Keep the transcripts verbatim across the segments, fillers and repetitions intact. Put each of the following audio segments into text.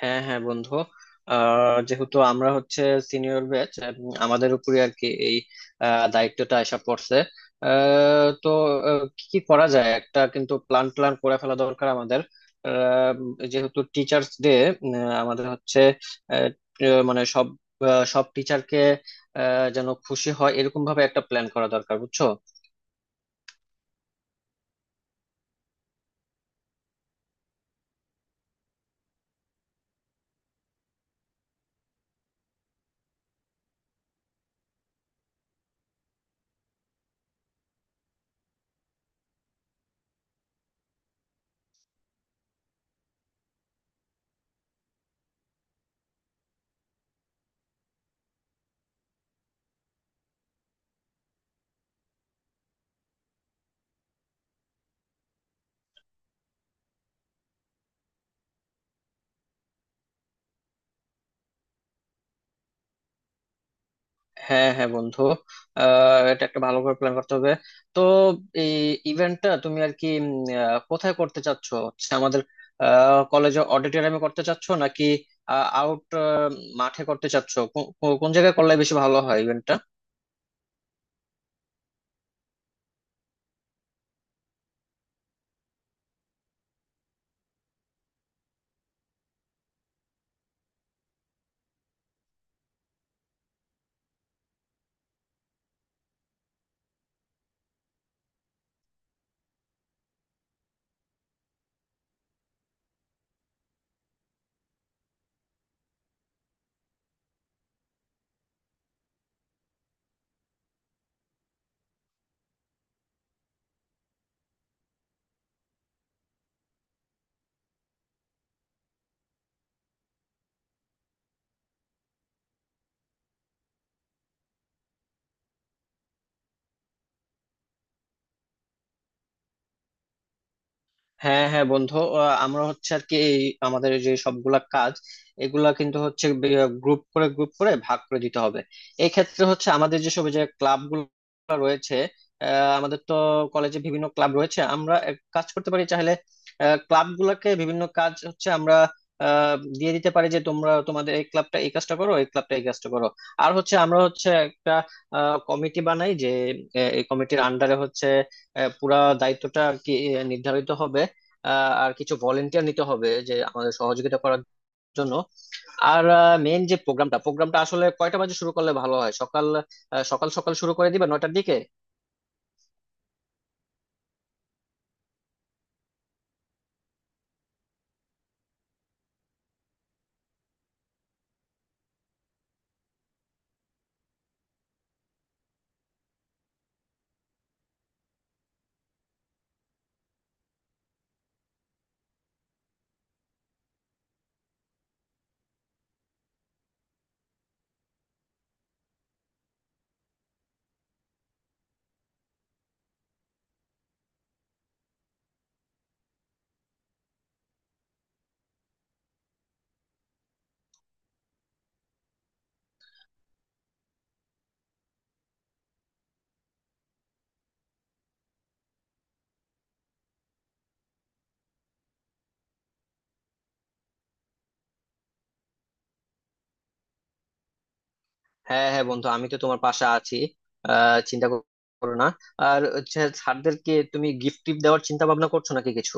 হ্যাঁ হ্যাঁ বন্ধু, আহ যেহেতু আমরা হচ্ছে সিনিয়র ব্যাচ, আমাদের উপরে আর কি এই আহ, দায়িত্বটা এসে পড়ছে। আহ, তো আহ, কি কি করা যায়, একটা কিন্তু প্ল্যান প্ল্যান করে ফেলা দরকার আমাদের। আহ, উম, যেহেতু টিচার্স ডে আমাদের হচ্ছে আহ, আহ, মানে সব আহ, সব টিচারকে যেন খুশি হয় এরকম ভাবে একটা প্ল্যান করা দরকার, বুঝছো? হ্যাঁ হ্যাঁ বন্ধু, আহ এটা একটা ভালো করে প্ল্যান করতে হবে। তো এই ইভেন্টটা তুমি আর কি উম, আহ, কোথায় করতে চাচ্ছ, হচ্ছে আমাদের কলেজে অডিটোরিয়ামে করতে চাচ্ছ নাকি আউট মাঠে করতে চাচ্ছ, কো- কো- কোন জায়গায় করলে বেশি ভালো হয় ইভেন্টটা? হ্যাঁ হ্যাঁ বন্ধু, আহ, আমরা হচ্ছে আর কি এই আমাদের যে সবগুলা কাজ এগুলা কিন্তু হচ্ছে গ্রুপ করে গ্রুপ করে ভাগ করে দিতে হবে। এই ক্ষেত্রে হচ্ছে আমাদের যেসব যে ক্লাব গুলো রয়েছে, আহ, আমাদের তো কলেজে বিভিন্ন ক্লাব রয়েছে। আমরা এক কাজ করতে পারি, চাইলে ক্লাব গুলাকে বিভিন্ন কাজ হচ্ছে আমরা আহ, দিয়ে দিতে পারি, যে তোমরা তোমাদের এই ক্লাবটা এই কাজটা করো, এই ক্লাবটা এই কাজটা করো। আর হচ্ছে আমরা হচ্ছে একটা কমিটি বানাই, যে আহ, এই কমিটির আন্ডারে হচ্ছে আহ, পুরা দায়িত্বটা আর কি আহ, নির্ধারিত হবে। আহ, আর কিছু ভলেন্টিয়ার নিতে হবে, যে আমাদের সহযোগিতা করার জন্য। আর মেন যে প্রোগ্রামটা প্রোগ্রামটা আসলে কয়টা বাজে শুরু করলে ভালো হয়? সকাল আহ, সকাল সকাল শুরু করে দিবে, নয়টার দিকে? হ্যাঁ হ্যাঁ বন্ধু, আমি তো তোমার পাশে আছি। আহ চিন্তা করো না। আর হচ্ছে স্যারদেরকে তুমি গিফট টিফট দেওয়ার চিন্তা ভাবনা করছো নাকি কিছু?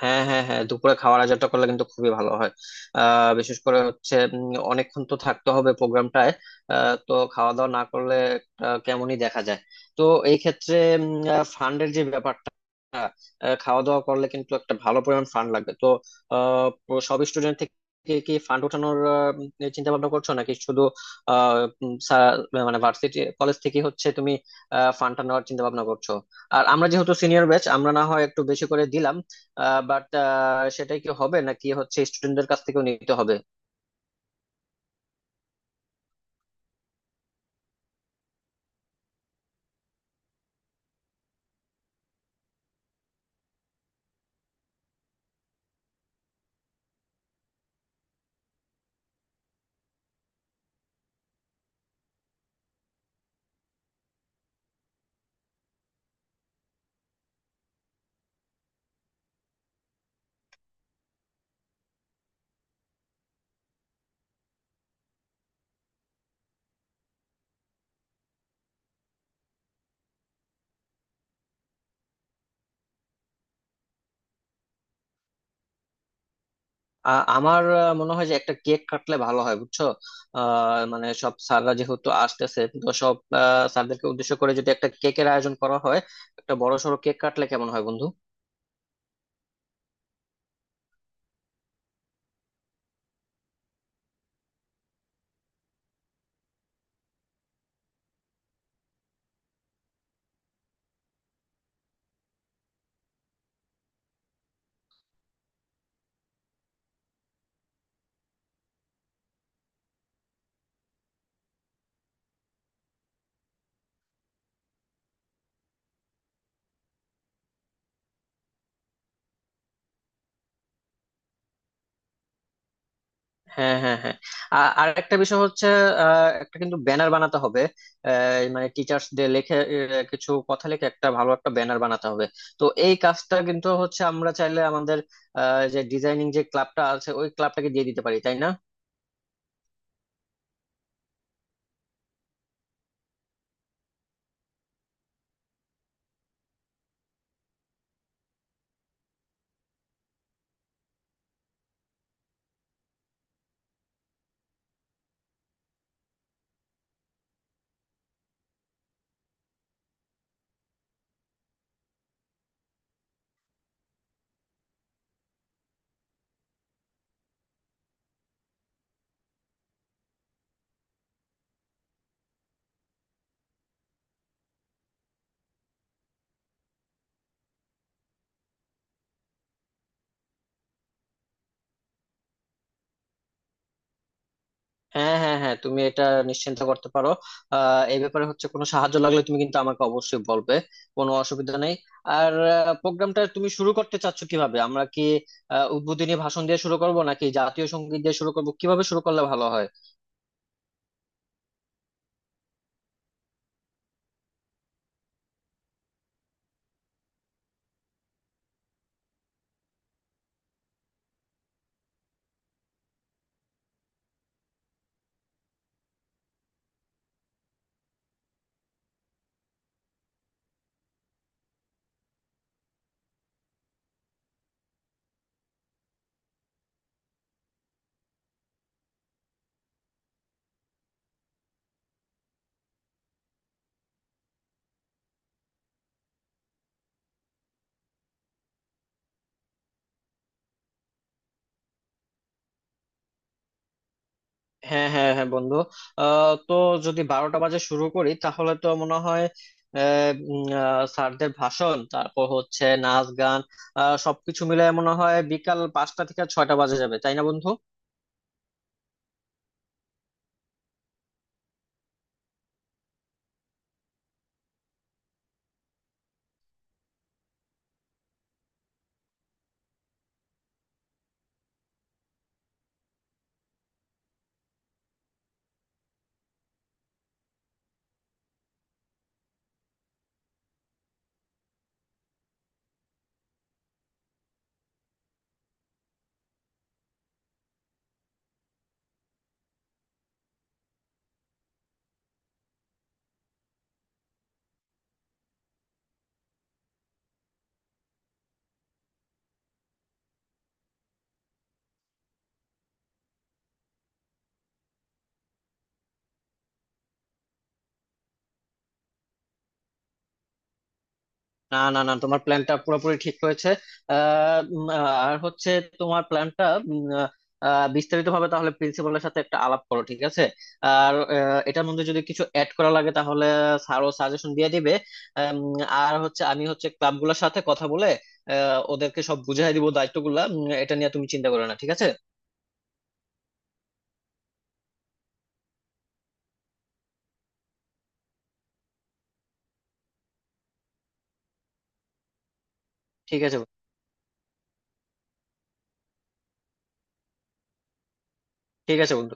হ্যাঁ হ্যাঁ হ্যাঁ, দুপুরে খাওয়ার আয়োজনটা করলে কিন্তু খুবই ভালো হয়। আহ বিশেষ করে হচ্ছে উম, অনেকক্ষণ তো থাকতে হবে প্রোগ্রামটায়। আহ, তো খাওয়া দাওয়া না করলে আহ, কেমনই দেখা যায়। তো এই ক্ষেত্রে ফান্ডের যে ব্যাপারটা, আহ, খাওয়া দাওয়া করলে কিন্তু একটা ভালো পরিমাণ ফান্ড লাগবে। তো আহ, প- সব স্টুডেন্ট থেকে কি ফান্ড ওঠানোর চিন্তা ভাবনা করছো, নাকি শুধু আহ, উম, সা- মানে ভার্সিটি কলেজ থেকে হচ্ছে তুমি ফান্ডটা নেওয়ার চিন্তা ভাবনা করছো? আর আমরা যেহেতু সিনিয়র ব্যাচ, আমরা না হয় একটু বেশি করে দিলাম। বাট সেটাই কি হবে, নাকি হচ্ছে স্টুডেন্টদের কাছ থেকেও নিতে হবে? আ- আমার আহ, মনে হয় যে একটা কেক কাটলে ভালো হয়, বুঝছো? আহ, মানে সব স্যাররা যেহেতু আসতেছে, তো সব আহ, স্যারদেরকে উদ্দেশ্য করে যদি একটা কেকের আয়োজন করা হয়, একটা বড়সড় কেক কাটলে কেমন হয় বন্ধু? হ্যাঁ হ্যাঁ হ্যাঁ। আ- আর একটা বিষয় হচ্ছে আহ, একটা কিন্তু ব্যানার বানাতে হবে। আহ, মানে টিচার্স ডে লিখে আহ, কিছু কথা লিখে একটা ভালো একটা ব্যানার বানাতে হবে। তো এই কাজটা কিন্তু হচ্ছে আমরা চাইলে আমাদের আহ, যে ডিজাইনিং যে ক্লাবটা আছে ওই ক্লাবটাকে দিয়ে দিতে পারি, তাই না? হ্যাঁ হ্যাঁ হ্যাঁ, তুমি এটা নিশ্চিন্তা করতে পারো। আহ এই ব্যাপারে হচ্ছে কোনো সাহায্য লাগলে তুমি কিন্তু আমাকে অবশ্যই বলবে। কোনো অসুবিধা নেই। আর প্রোগ্রামটা তুমি শুরু করতে চাচ্ছ কিভাবে? আমরা কি আহ, উদ্বোধনী ভাষণ দিয়ে শুরু করব নাকি জাতীয় সঙ্গীত দিয়ে শুরু করব? কিভাবে শুরু করলে ভালো হয়? হ্যাঁ হ্যাঁ হ্যাঁ বন্ধু, আহ তো যদি বারোটা বাজে শুরু করি তাহলে তো মনে হয় আহ, উম, আহ, স্যারদের ভাষণ তারপর হচ্ছে নাচ গান আহ সবকিছু মিলে মনে হয় বিকাল পাঁচটা থেকে ছয়টা বাজে যাবে, তাই না বন্ধু? না না না, তোমার প্ল্যানটা পুরোপুরি ঠিক রয়েছে। আহ, উম, আহ, আর হচ্ছে তোমার প্ল্যানটা বিস্তারিত ভাবে তাহলে প্রিন্সিপালের সাথে একটা আলাপ করো, ঠিক আছে? আর আহ, এটার মধ্যে যদি কিছু অ্যাড করা লাগে তাহলে স্যারও সাজেশন দিয়ে দিবে। আম, আর হচ্ছে আমি হচ্ছে ক্লাবগুলোর সাথে কথা বলে আহ, ওদেরকে সব বুঝিয়ে দিব দায়িত্বগুলা। উম, এটা নিয়ে তুমি চিন্তা করো না, ঠিক আছে? ঠিক আছে ঠিক আছে বন্ধু।